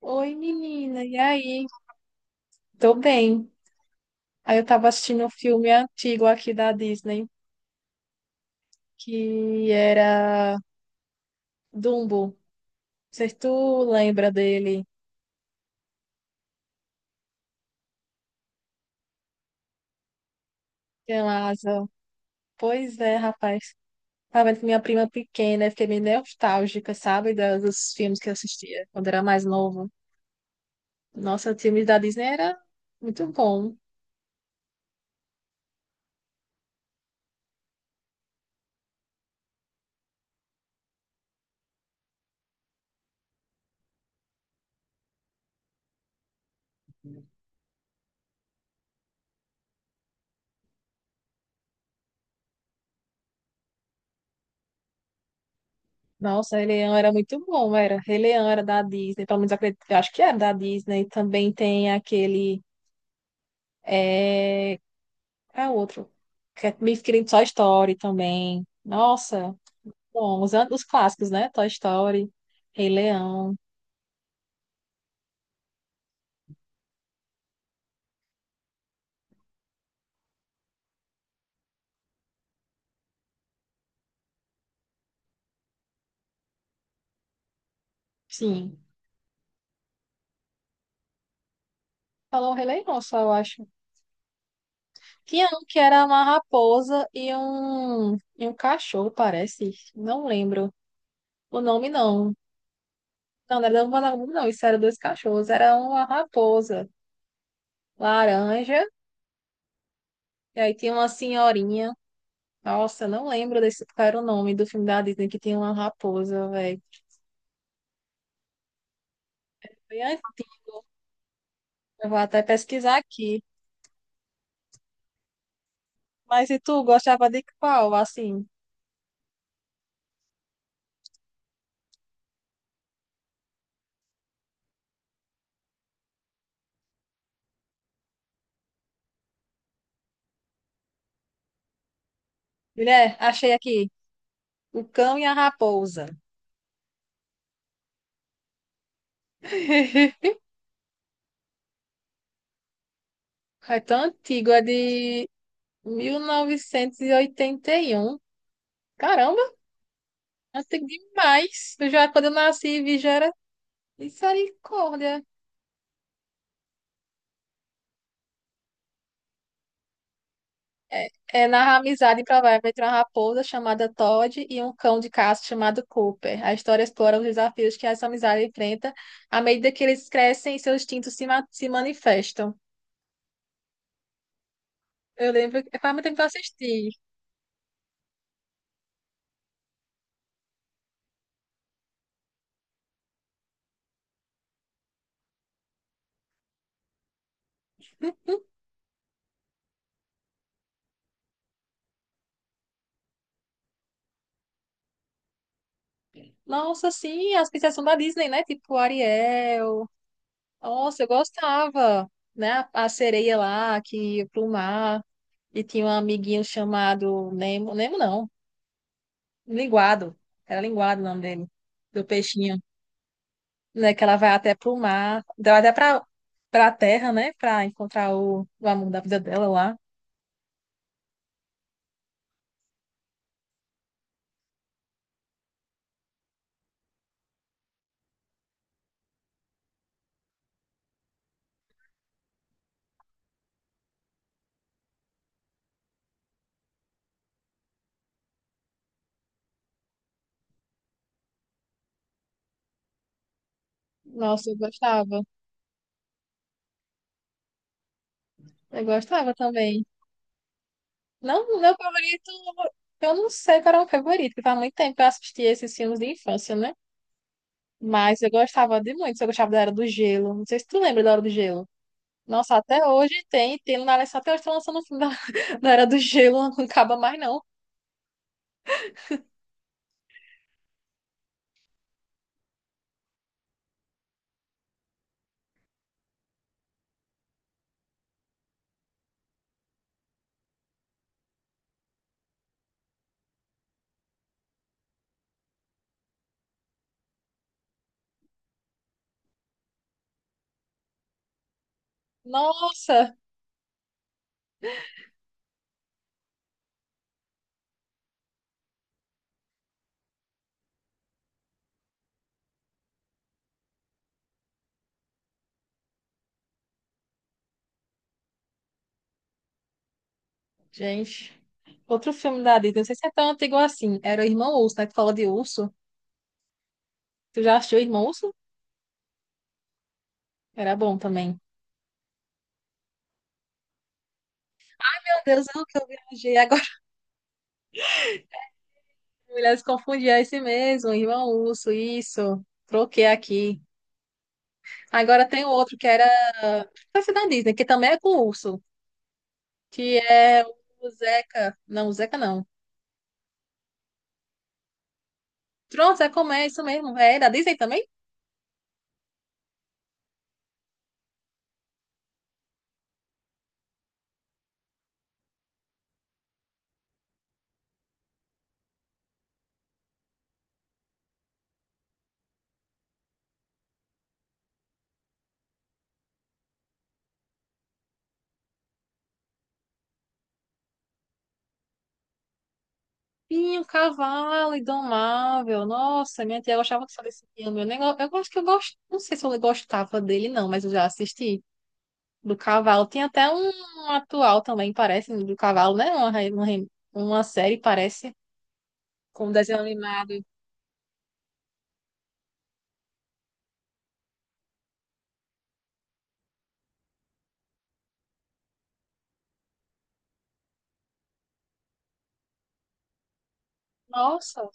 Oi, menina, e aí? Tô bem. Aí eu tava assistindo um filme antigo aqui da Disney, que era Dumbo. Não sei se tu lembra dele, que é... Pois é, rapaz. Tava vendo com minha prima pequena, eu fiquei meio nostálgica, sabe, dos filmes que eu assistia quando era mais novo. Nossa, os filmes da Disney era muito bom. Nossa, Rei Leão era muito bom, era. Rei Leão era da Disney, pelo menos eu acredito, eu acho que era da Disney. Também tem aquele. eh, É outro. Que é meio querendo Toy Story também. Nossa, bom, os clássicos, né? Toy Story, Rei Leão. Sim. Falou Rei Leão só, eu acho. Tinha um que era uma raposa e um cachorro, parece. Não lembro o nome, não. Não, não era vagabundo, não. Isso era dois cachorros. Era uma raposa laranja. E aí tinha uma senhorinha. Nossa, eu não lembro desse qual era o nome do filme da Disney que tinha uma raposa, velho. Eu vou até pesquisar aqui. Mas e tu gostava de qual? Assim, mulher, achei aqui. O Cão e a Raposa. É tão antigo, é de 1981. Caramba, antigo demais. Eu já, quando eu nasci, vi já era misericórdia. É, é narra a amizade improvável entre uma raposa chamada Todd e um cão de caça chamado Cooper. A história explora os desafios que essa amizade enfrenta à medida que eles crescem e seus instintos se manifestam. Eu lembro, que faz muito tempo que eu assisti. Nossa, sim, as princesas da Disney, né? Tipo Ariel. Nossa, eu gostava, né? A sereia lá que ia pro mar e tinha um amiguinho chamado Nemo, Nemo não, Linguado. Era Linguado o nome dele, do peixinho, né? Que ela vai até pro mar, vai até pra, pra terra, né? Pra encontrar o amor da vida dela lá. Nossa, eu gostava. Eu gostava também. Não, meu favorito, eu não sei qual era o meu favorito, porque faz muito tempo que eu assisti esses filmes de infância, né? Mas eu gostava de muito, eu gostava da Era do Gelo. Não sei se tu lembra da Era do Gelo. Nossa, até hoje tem, tem na até hoje estão lançando o filme da, da Era do Gelo, não acaba mais não. Nossa, gente. Outro filme da Disney, não sei se é tão antigo assim. Era o Irmão Urso, né? Tu fala de urso. Tu já assistiu o Irmão Urso? Era bom também. Meu Deus, eu que eu viajei. Agora mulheres confundiam é esse mesmo, Irmão Urso, isso. Troquei aqui. Agora tem outro que era. Parece da Disney, que também é com urso. Que é o Zeca. Não, o Zeca não. Pronto, é como é isso mesmo. É da Disney também? Sim, o cavalo indomável. Nossa, minha tia gostava só desse filme. Eu, nem, eu gosto que eu gosto. Não sei se eu gostava dele, não, mas eu já assisti. Do cavalo. Tem até um atual também, parece, do cavalo, né? Uma série, parece, com um desenho animado. Nossa.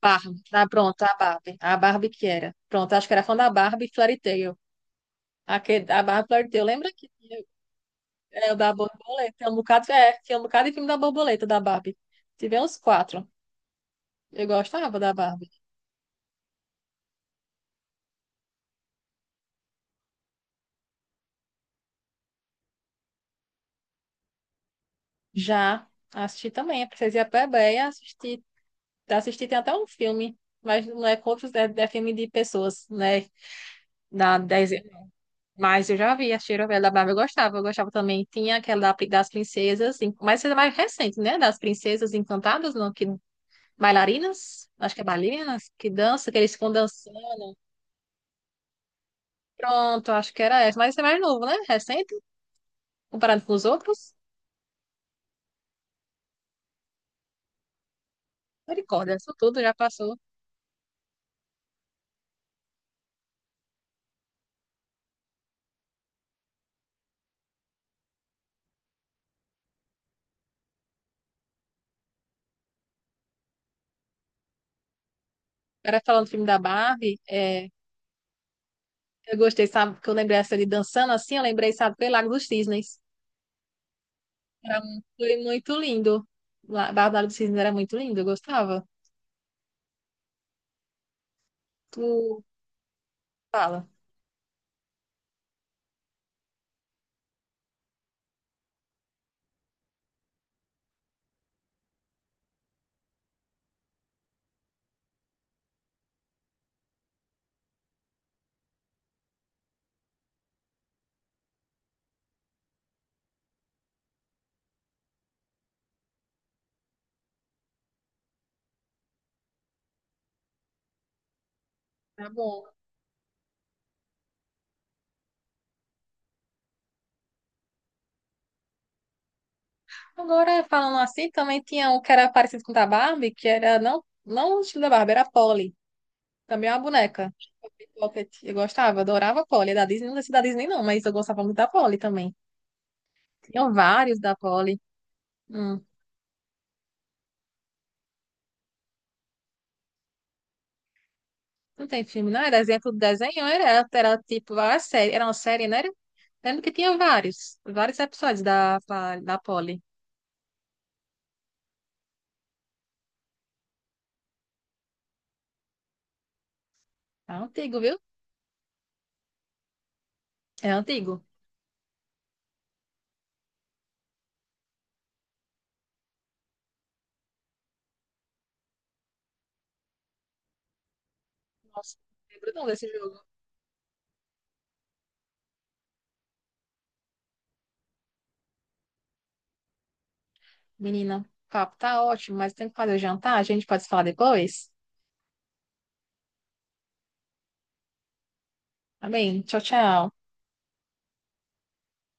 Barbie. Ah, pronto, a Barbie. A Barbie que era. Pronto, acho que era fã da Barbie Fairy Tail. Aquele, a Barbie Fairy Tail. Lembra que tinha... É o da borboleta. Tinha um bocado, é, tinha um bocado de filme da borboleta da Barbie. Tive uns quatro. Eu gostava da Barbie. Já assisti também, a Princesa e a Plebeia, assisti, assisti tem até um filme, mas não é contos, é, é filme de pessoas, né? Na 10, mas eu já vi, a Cheira da Barbie eu gostava também. Tinha aquela das princesas, em- mas essa é mais recente, né? Das princesas encantadas, não, que bailarinas, acho que é bailarinas, que dança, que eles ficam dançando. Pronto, acho que era essa, mas esse é mais novo, né? Recente. Comparado com os outros, misericórdia, isso tudo já passou. Era falando do filme da Barbie, é, eu gostei, sabe, que eu lembrei essa de dançando assim, eu lembrei, sabe, foi Lago dos Cisnes. Era, foi muito lindo. Barbie do Lago dos Cisnes era muito lindo, eu gostava. Tu fala, tá bom. Agora, falando assim, também tinha um que era parecido com o da Barbie, que era, não, não o estilo da Barbie, era a Polly. Também é uma boneca. Polly Pocket. Eu gostava, adorava a Polly. É da Disney, não sei se é da Disney não, mas eu gostava muito da Polly também. Tinham vários da Polly. Hum. Não tem filme, não? Era exemplo do desenho, era, era tipo a série, era uma série, não era? Lembro que tinha vários, vários episódios da Polly. É antigo, viu? É antigo. Nossa, não lembro não desse jogo. Menina, o papo tá ótimo, mas tem que fazer o jantar, a gente pode falar depois? Tá bem? Tchau, tchau.